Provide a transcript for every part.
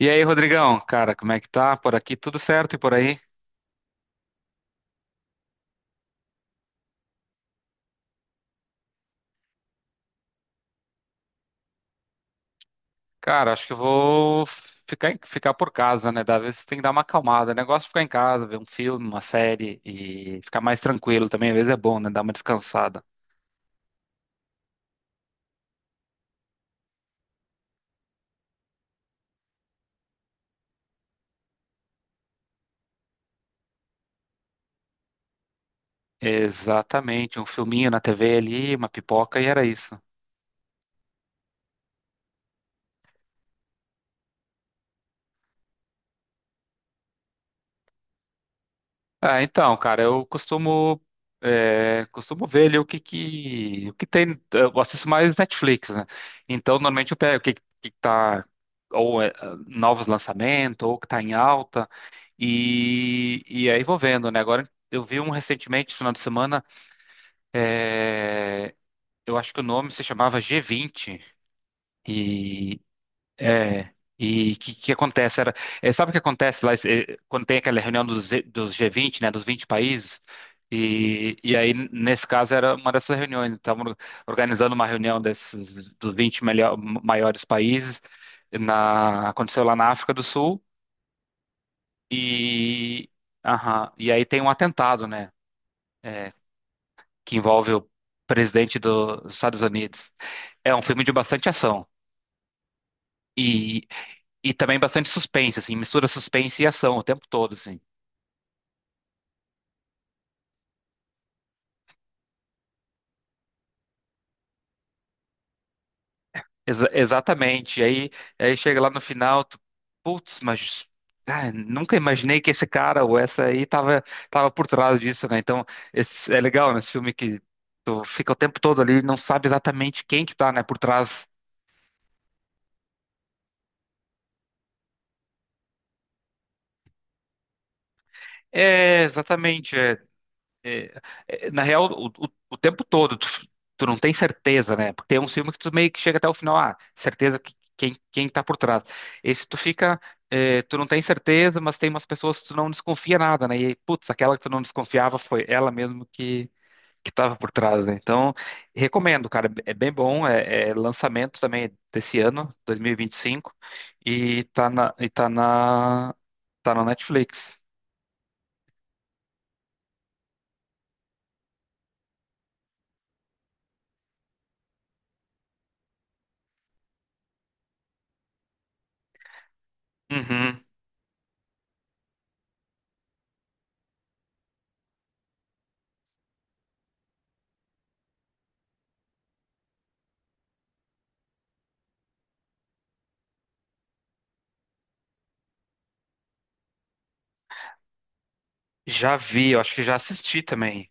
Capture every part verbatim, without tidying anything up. E aí, Rodrigão, cara, como é que tá? Por aqui tudo certo e por aí? Cara, acho que eu vou ficar, em- ficar por casa, né? Da vez tem que dar uma acalmada. O negócio é ficar em casa, ver um filme, uma série e ficar mais tranquilo também. Às vezes é bom, né? Dar uma descansada. Exatamente, um filminho na T V ali, uma pipoca e era isso. Ah, então, cara, eu costumo é, costumo ver ali o que que o que tem, eu assisto mais Netflix, né? Então, normalmente eu pego o que que tá ou é, novos lançamentos ou o que tá em alta e e aí vou vendo, né? Agora eu vi um recentemente, esse final de semana, é, eu acho que o nome se chamava g vinte e é, e o que, que acontece? Era, é, sabe o que acontece lá, é, quando tem aquela reunião dos, Z- dos G vinte, né, dos vinte países? E, e aí, nesse caso, era uma dessas reuniões. Estavam organizando uma reunião desses, dos vinte melhor- maiores países. Na, aconteceu lá na África do Sul. E, aham, e aí tem um atentado, né, é, que envolve o presidente do- dos Estados Unidos. É um filme de bastante ação. E também bastante suspense, assim, mistura suspense e ação o tempo todo, assim. Exa- exatamente. Aí, aí chega lá no final, tu, putz, mas ah, nunca imaginei que esse cara ou essa aí tava, tava por trás disso, né? Então, esse, é legal nesse filme que tu fica o tempo todo ali e não sabe exatamente quem que tá, né, por trás. É, exatamente. É. É, é, na real, o, o- o tempo todo, tu, tu não tem certeza, né? Porque tem um filme que tu meio que chega até o final, ah, certeza que, quem, quem tá por trás. Esse tu fica, é, tu não tem certeza, mas tem umas pessoas que tu não desconfia nada, né? E, putz, aquela que tu não desconfiava foi ela mesmo que, que tava por trás, né? Então, recomendo, cara, é bem bom, é, é lançamento também desse ano, dois mil e vinte e cinco, e vinte e cinco, e tá na, e tá na, tá na Netflix. Uhum. Já vi, eu acho que já assisti também.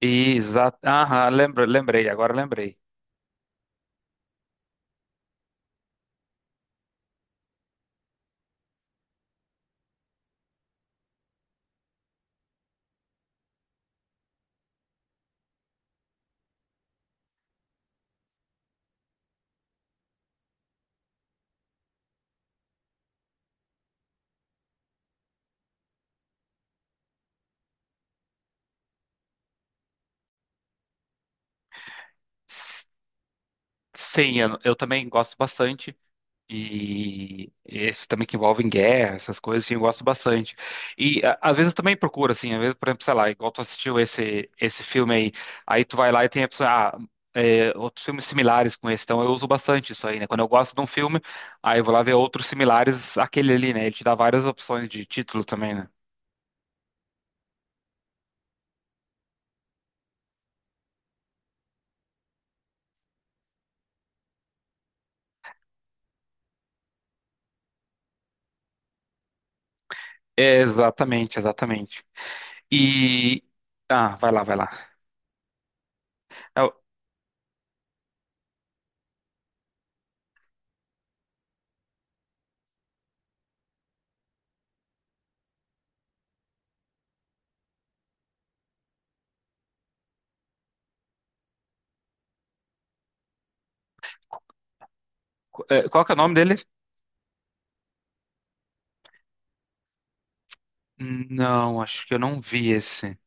Exato. Aham, lembra- lembrei, agora lembrei. S- Sim, eu, eu também gosto bastante. E esse também que envolve em guerra, essas coisas, assim, eu gosto bastante. E a- às vezes eu também procuro, assim, às vezes, por exemplo, sei lá, igual tu assistiu esse, esse filme aí, aí tu vai lá e tem a pessoa, ah, é, outros filmes similares com esse, então eu uso bastante isso aí, né? Quando eu gosto de um filme, aí eu vou lá ver outros similares àquele ali, né? Ele te dá várias opções de título também, né? É, exatamente, exatamente. E. Ah, vai lá, vai lá. É o- É, qual que é o nome dele? Não, acho que eu não vi esse.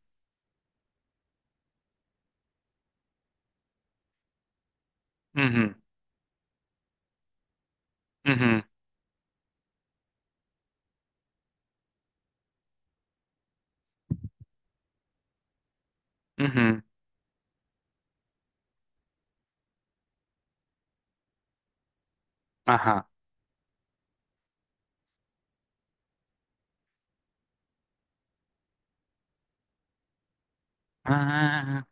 Uhum, uhum, uhum. Aham. Ah,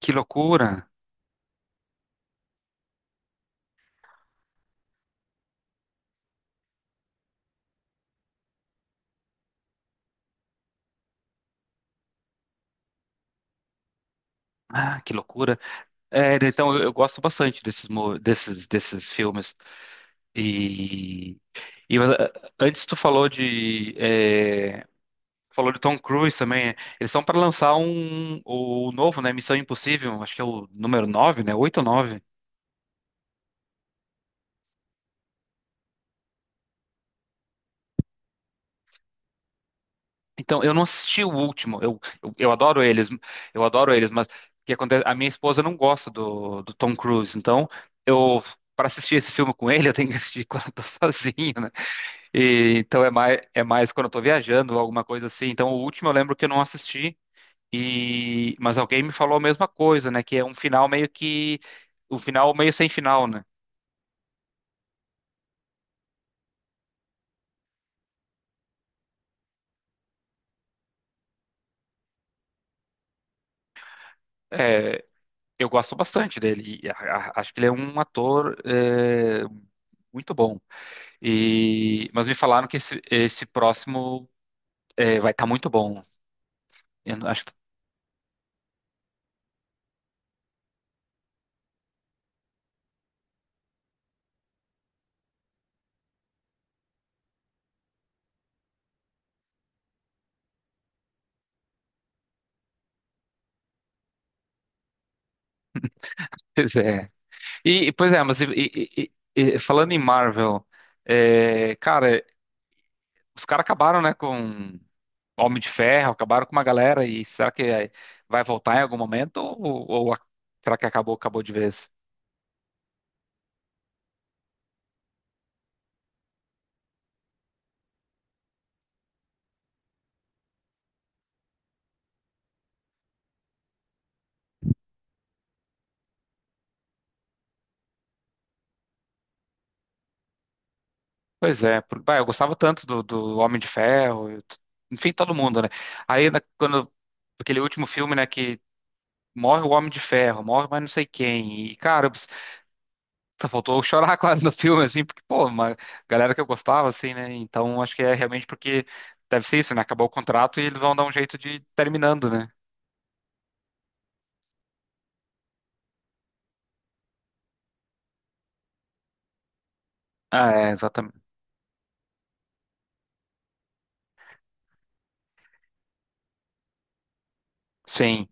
que loucura. Ah, que loucura. É, então, eu, eu gosto bastante desses, mo- desses, desses filmes. E, e ah, antes tu falou de... é, falou de Tom Cruise também. Eles são para lançar um, o novo, né? Missão Impossível. Acho que é o número nove, né? Oito ou nove? Então, eu não assisti o último. Eu, eu, eu adoro eles, eu adoro eles, mas o que acontece? A minha esposa não gosta do, do Tom Cruise, então eu para assistir esse filme com ele, eu tenho que assistir quando eu tô sozinho, né? E, então é mais é mais quando eu tô viajando, alguma coisa assim. Então, o último eu lembro que eu não assisti e mas alguém me falou a mesma coisa, né? Que é um final meio que um final meio sem final, né? É, eu gosto bastante dele. E a- a- acho que ele é um ator é, muito bom. E, mas me falaram que esse, esse próximo é, vai estar muito bom. Eu não- Acho que. Pois é. E, pois é, mas e- e- e- e- falando em Marvel, é, cara, os caras acabaram, né, com Homem de Ferro, acabaram com uma galera, e será que vai voltar em algum momento? Ou, ou a- será que acabou, acabou de vez? Pois é, por- bah, eu gostava tanto do, do Homem de Ferro, eu t- enfim, todo mundo, né? Aí, na- quando aquele último filme, né, que morre o Homem de Ferro, morre mais não sei quem, e cara, só faltou eu chorar quase no filme, assim, porque, pô, uma galera que eu gostava, assim, né? Então acho que é realmente porque deve ser isso, né? Acabou o contrato e eles vão dar um jeito de ir terminando, né? Ah, é, exatamente. Sim.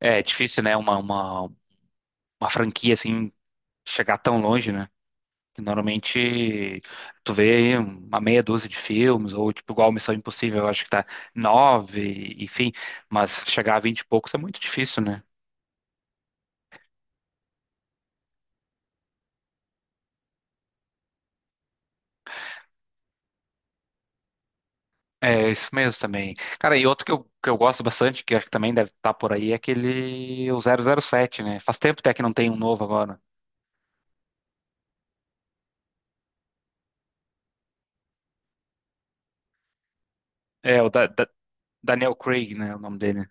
É difícil, né? Uma, uma, uma franquia, assim, chegar tão longe, né? Que normalmente tu vê aí uma meia dúzia de filmes, ou tipo, igual Missão Impossível, eu acho que tá nove, enfim, mas chegar a vinte e poucos é muito difícil, né? É, isso mesmo também. Cara, e outro que eu, que eu gosto bastante, que acho que também deve estar por aí, é aquele o zero zero sete, né? Faz tempo até que não tem um novo agora. É, o da, da- Daniel Craig, né? O nome dele.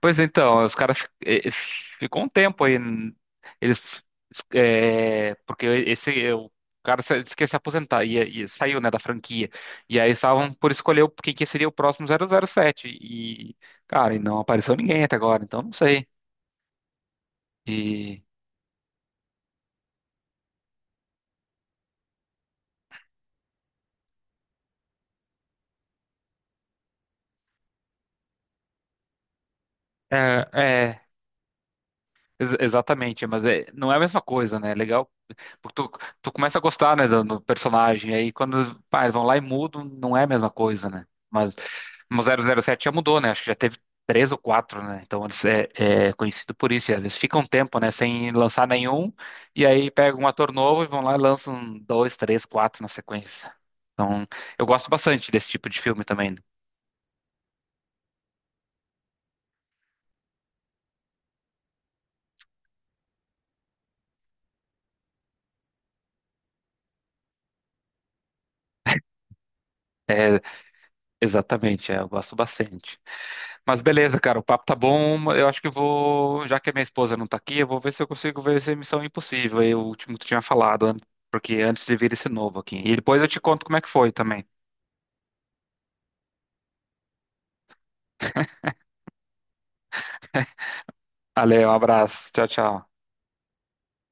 Pois então, os caras fi- eh, ficou um tempo aí. N- Eles. Eh, porque esse. Eh, o cara se- disse que ia se aposentar e, e saiu, né, da franquia. E aí estavam por escolher o- quem que seria o próximo zero zero sete. E, cara, e não apareceu ninguém até agora, então não sei. E. É, é. Ex- Exatamente, mas é- não é a mesma coisa, né? É legal, porque tu, tu começa a gostar, né, do, do personagem, aí quando eles- pá, eles vão lá e mudam, não é a mesma coisa, né? Mas mas zero zero sete já mudou, né? Acho que já teve três ou quatro, né? Então eles é, é conhecido por isso, e às vezes fica um tempo, né, sem lançar nenhum, e aí pega um ator novo e vão lá e lançam um, dois, três, quatro na sequência. Então eu gosto bastante desse tipo de filme também. Exatamente, é, eu gosto bastante. Mas beleza, cara, o papo tá bom. Eu acho que eu vou, já que a minha esposa não tá aqui, eu vou ver se eu consigo ver esse Missão Impossível, aí, o último que tu tinha falado, an- porque antes de vir esse novo aqui. E depois eu te conto como é que foi também. Valeu, um abraço. Tchau, tchau.